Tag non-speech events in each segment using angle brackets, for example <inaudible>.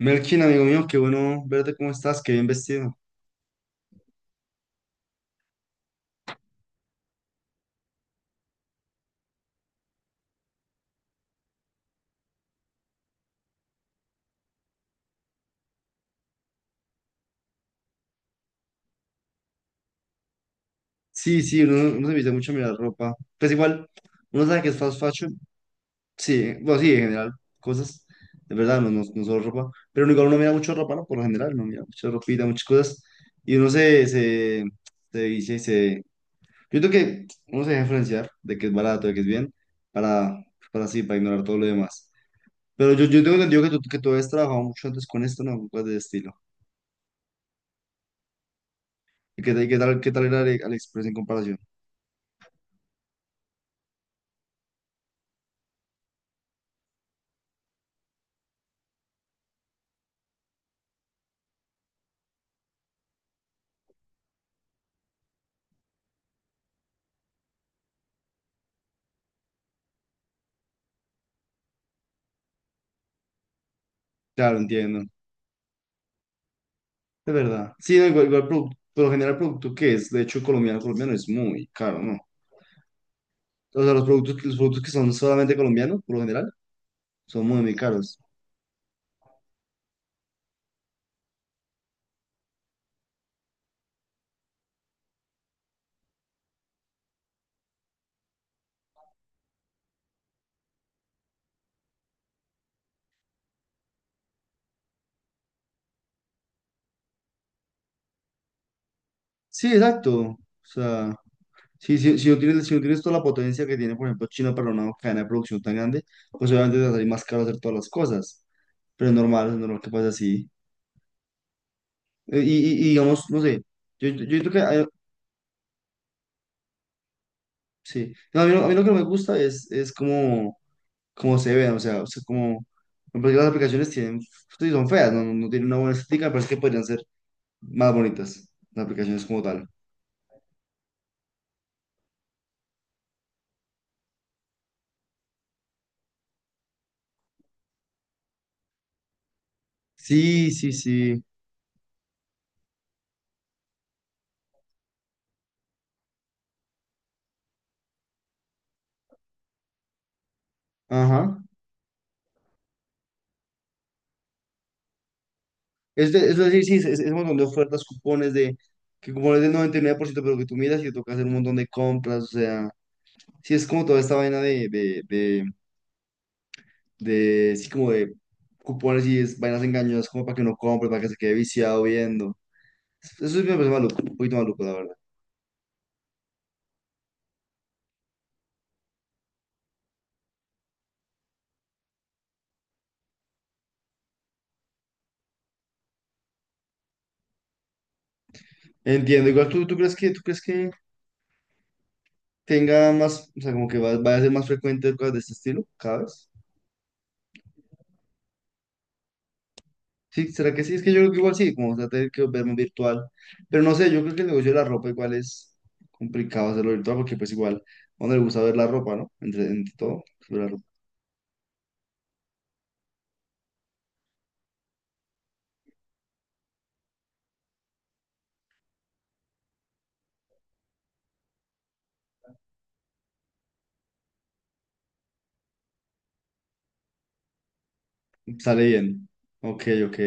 Melkin, amigo mío, qué bueno verte, ¿cómo estás? Qué bien vestido. Sí, sí, uno se viste mucho a mirar ropa. Pues igual, uno sabe que es fast fashion. Sí, bueno, sí, en general, cosas. De verdad, no solo ropa. Pero igual uno mira mucho ropa, ¿no? Por lo general, uno mira mucha ropita, muchas cosas. Y se dice, se... Yo creo que uno se deja influenciar de que es barato, de que es bien, para, para así, para ignorar todo lo demás. Pero yo tengo entendido que tú habías trabajado mucho antes con esto, ¿no? Cosas de estilo. ¿Y qué tal era AliExpress en comparación? Claro, entiendo. Es verdad. Sí, no, igual por lo general el producto que es, de hecho, colombiano es muy caro, ¿no? O sea, los productos que son solamente colombianos, por lo general, son muy, muy caros. Sí, exacto. Sea, sí, sí, si no tienes toda la potencia que tiene, por ejemplo, China para una cadena de producción tan grande, pues obviamente te va a salir más caro hacer todas las cosas. Pero es normal que pase así. Y digamos, no sé, yo creo que, sí. No, a mí lo que no me gusta es como... como se ven, o sea, porque las aplicaciones tienen, sí, son feas, no tienen una buena estética, pero es que podrían ser más bonitas las aplicaciones como tal. Sí, sí, sí, ajá. Es, es decir, sí, es un montón de ofertas, que cupones del 99%, pero que tú miras y te toca hacer un montón de compras, o sea, sí, es como toda esta vaina de sí, como de cupones y es, vainas engañosas, como para que no compre, para que se quede viciado viendo. Eso es me parece maluco, un poquito maluco, la verdad. Entiendo, igual tú crees que tenga más, o sea, como que vaya a ser más frecuente cosas de este estilo, cada vez. Sí, ¿será que sí? Es que yo creo que igual sí, como se va a tener que verme virtual. Pero no sé, yo creo que el negocio de la ropa igual es complicado hacerlo virtual porque pues igual, a uno le gusta ver la ropa, ¿no? Entre, entre todo, ver la ropa. Sale bien. Ok, ok.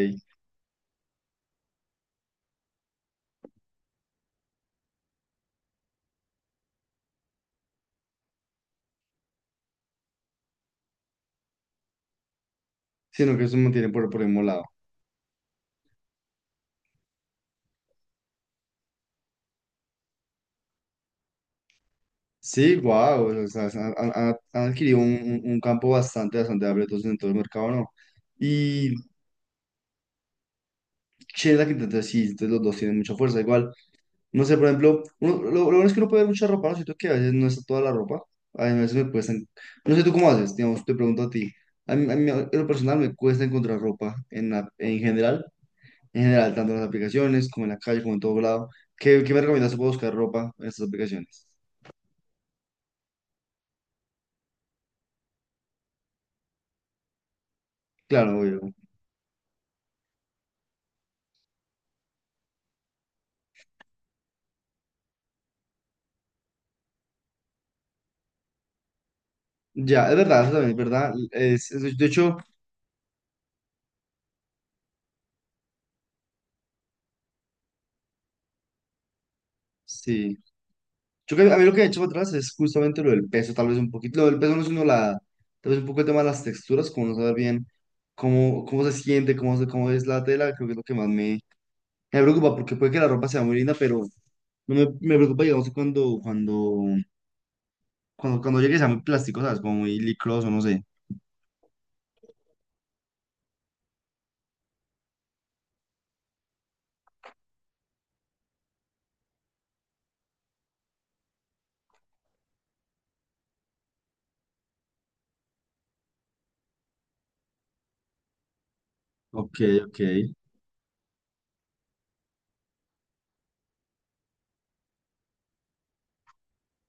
Sino que eso me mantiene por el mismo lado. Sí, wow, o sea, se han, han- han- han adquirido un campo bastante, bastante amplio entonces en todo el mercado, ¿no? Y Sheila que entonces sí, entonces los dos tienen mucha fuerza. Igual, no sé, por ejemplo, lo bueno es que uno puede ver mucha ropa, ¿no? Siento que a veces no está toda la ropa. A mí a veces me cuesta no sé tú cómo haces, digamos, te pregunto a ti. A mí, en lo personal me cuesta encontrar ropa en general, tanto en las aplicaciones como en la calle, como en todo lado. ¿Qué, qué me recomiendas para buscar ropa en estas aplicaciones? Claro, obvio. Ya, es verdad, eso también es verdad. De hecho, sí. Yo creo, a mí lo que he hecho para atrás es justamente lo del peso, tal vez un poquito. Lo del peso no es uno la, tal vez un poco el tema de las texturas, como no saber bien cómo, cómo se siente, cómo es la tela, creo que es lo que más me preocupa, porque puede que la ropa sea muy linda, pero no me, me preocupa, digamos, cuando llegue sea muy plástico, ¿sabes? Como muy licroso, no sé. Ok, ok.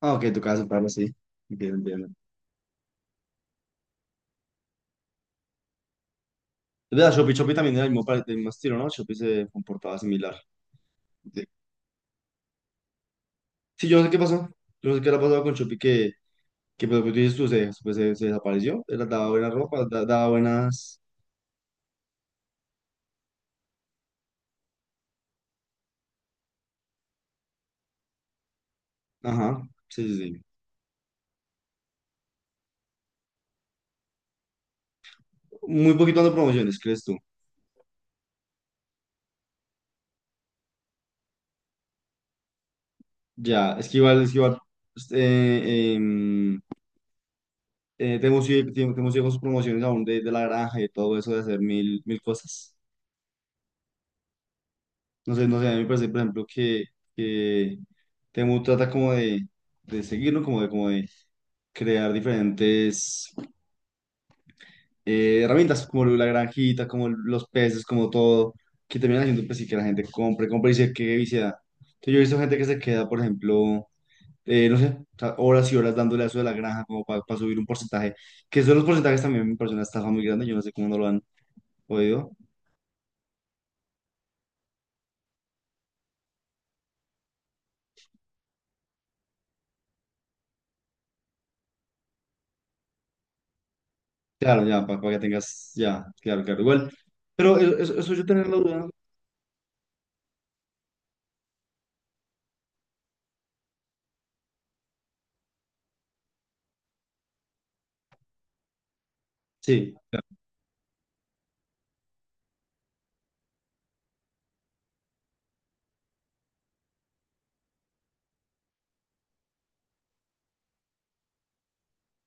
Ah, ok, tocaba separarlo, sí. Entiendo, entiendo. Es verdad, Shopee también era el mismo, del mismo estilo, ¿no? Shopee se comportaba similar. Sí, sí, yo no sé qué pasó. Yo no sé qué le ha pasado con Shopee que pues, pues, dices tú, se desapareció, daba buena ropa, daba buenas... Ajá, sí, sí, sí. Muy poquito dando promociones, ¿crees tú? Ya, es que igual, pues, Temu sigue, con sus promociones aún de la granja y todo eso de hacer mil, mil cosas. No sé, no sé, a mí me parece, por ejemplo, que Temu trata como de seguirlo, como de crear diferentes herramientas como la granjita, como los peces, como todo, que terminan haciendo pues, sí, que la gente compre, compre y se quede viciada. Entonces, yo he visto gente que se queda, por ejemplo, no sé, o sea, horas y horas dándole a eso de la granja como para subir un porcentaje, que son los porcentajes también me parece una estafa muy grande, yo no sé cómo no lo han podido. Claro, ya, para, que tengas, ya, claro, claro, igual. Pero eso yo tener la duda, sí,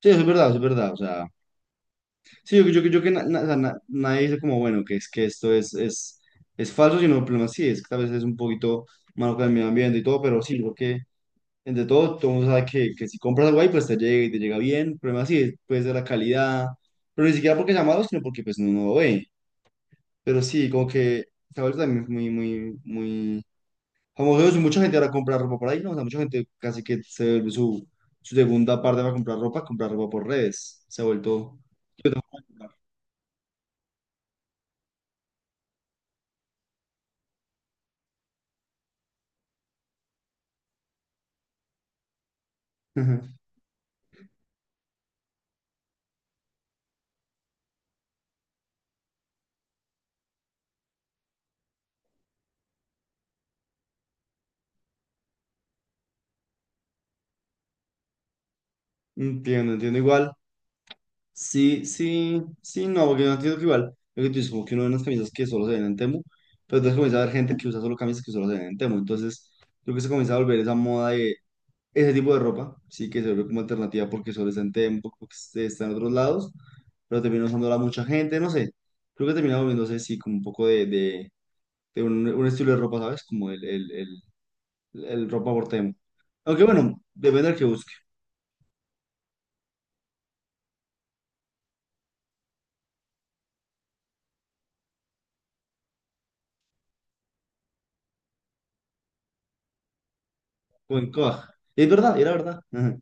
sí, eso es verdad, o sea. Sí, yo que o sea, nadie dice como, bueno, que es que esto es falso, sino el problema sí es que tal vez es un poquito malo con el medio ambiente y todo, pero sí, yo creo que entre todo, todo el mundo sabe que si compras algo ahí, pues te llega y te llega bien, el problema sí es pues de la calidad, pero ni siquiera porque sea malo, sino porque pues no, no lo ve, pero sí, como que se ha vuelto también muy, muy, muy famoso eso, y mucha gente ahora compra ropa por ahí, ¿no? O sea, mucha gente casi que se vuelve su segunda parte para comprar ropa por redes, se ha vuelto... <laughs> Entiendo, entiendo igual. Sí, sí, sí, no, porque yo entiendo que igual, lo que tú dices, como que uno ve unas camisas que solo se ven en Temu, pero entonces comienza a haber gente que usa solo camisas que solo se ven en Temu, entonces creo que se comienza a volver esa moda de ese tipo de ropa, sí, que se vuelve como alternativa porque solo está en Temu, porque está en otros lados, pero termina usándola mucha gente, no sé, creo que termina volviéndose, sí, como un poco de un estilo de ropa, ¿sabes? Como el ropa por Temu. Aunque bueno, depende del que busque, o en Coag. Es verdad, era verdad. <laughs>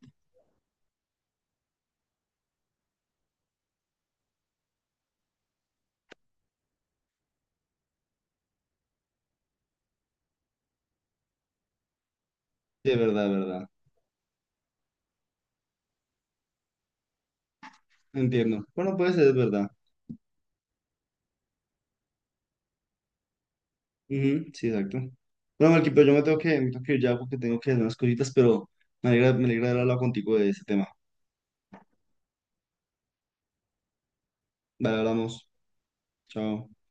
Sí, es verdad, es verdad. Entiendo. Bueno, puede ser, es verdad. Ujú, sí, exacto. Bueno, Melqui, pero yo me tengo que ir ya porque tengo que hacer unas cositas, pero me alegra haber hablado contigo de ese tema. Vale, hablamos. Chao.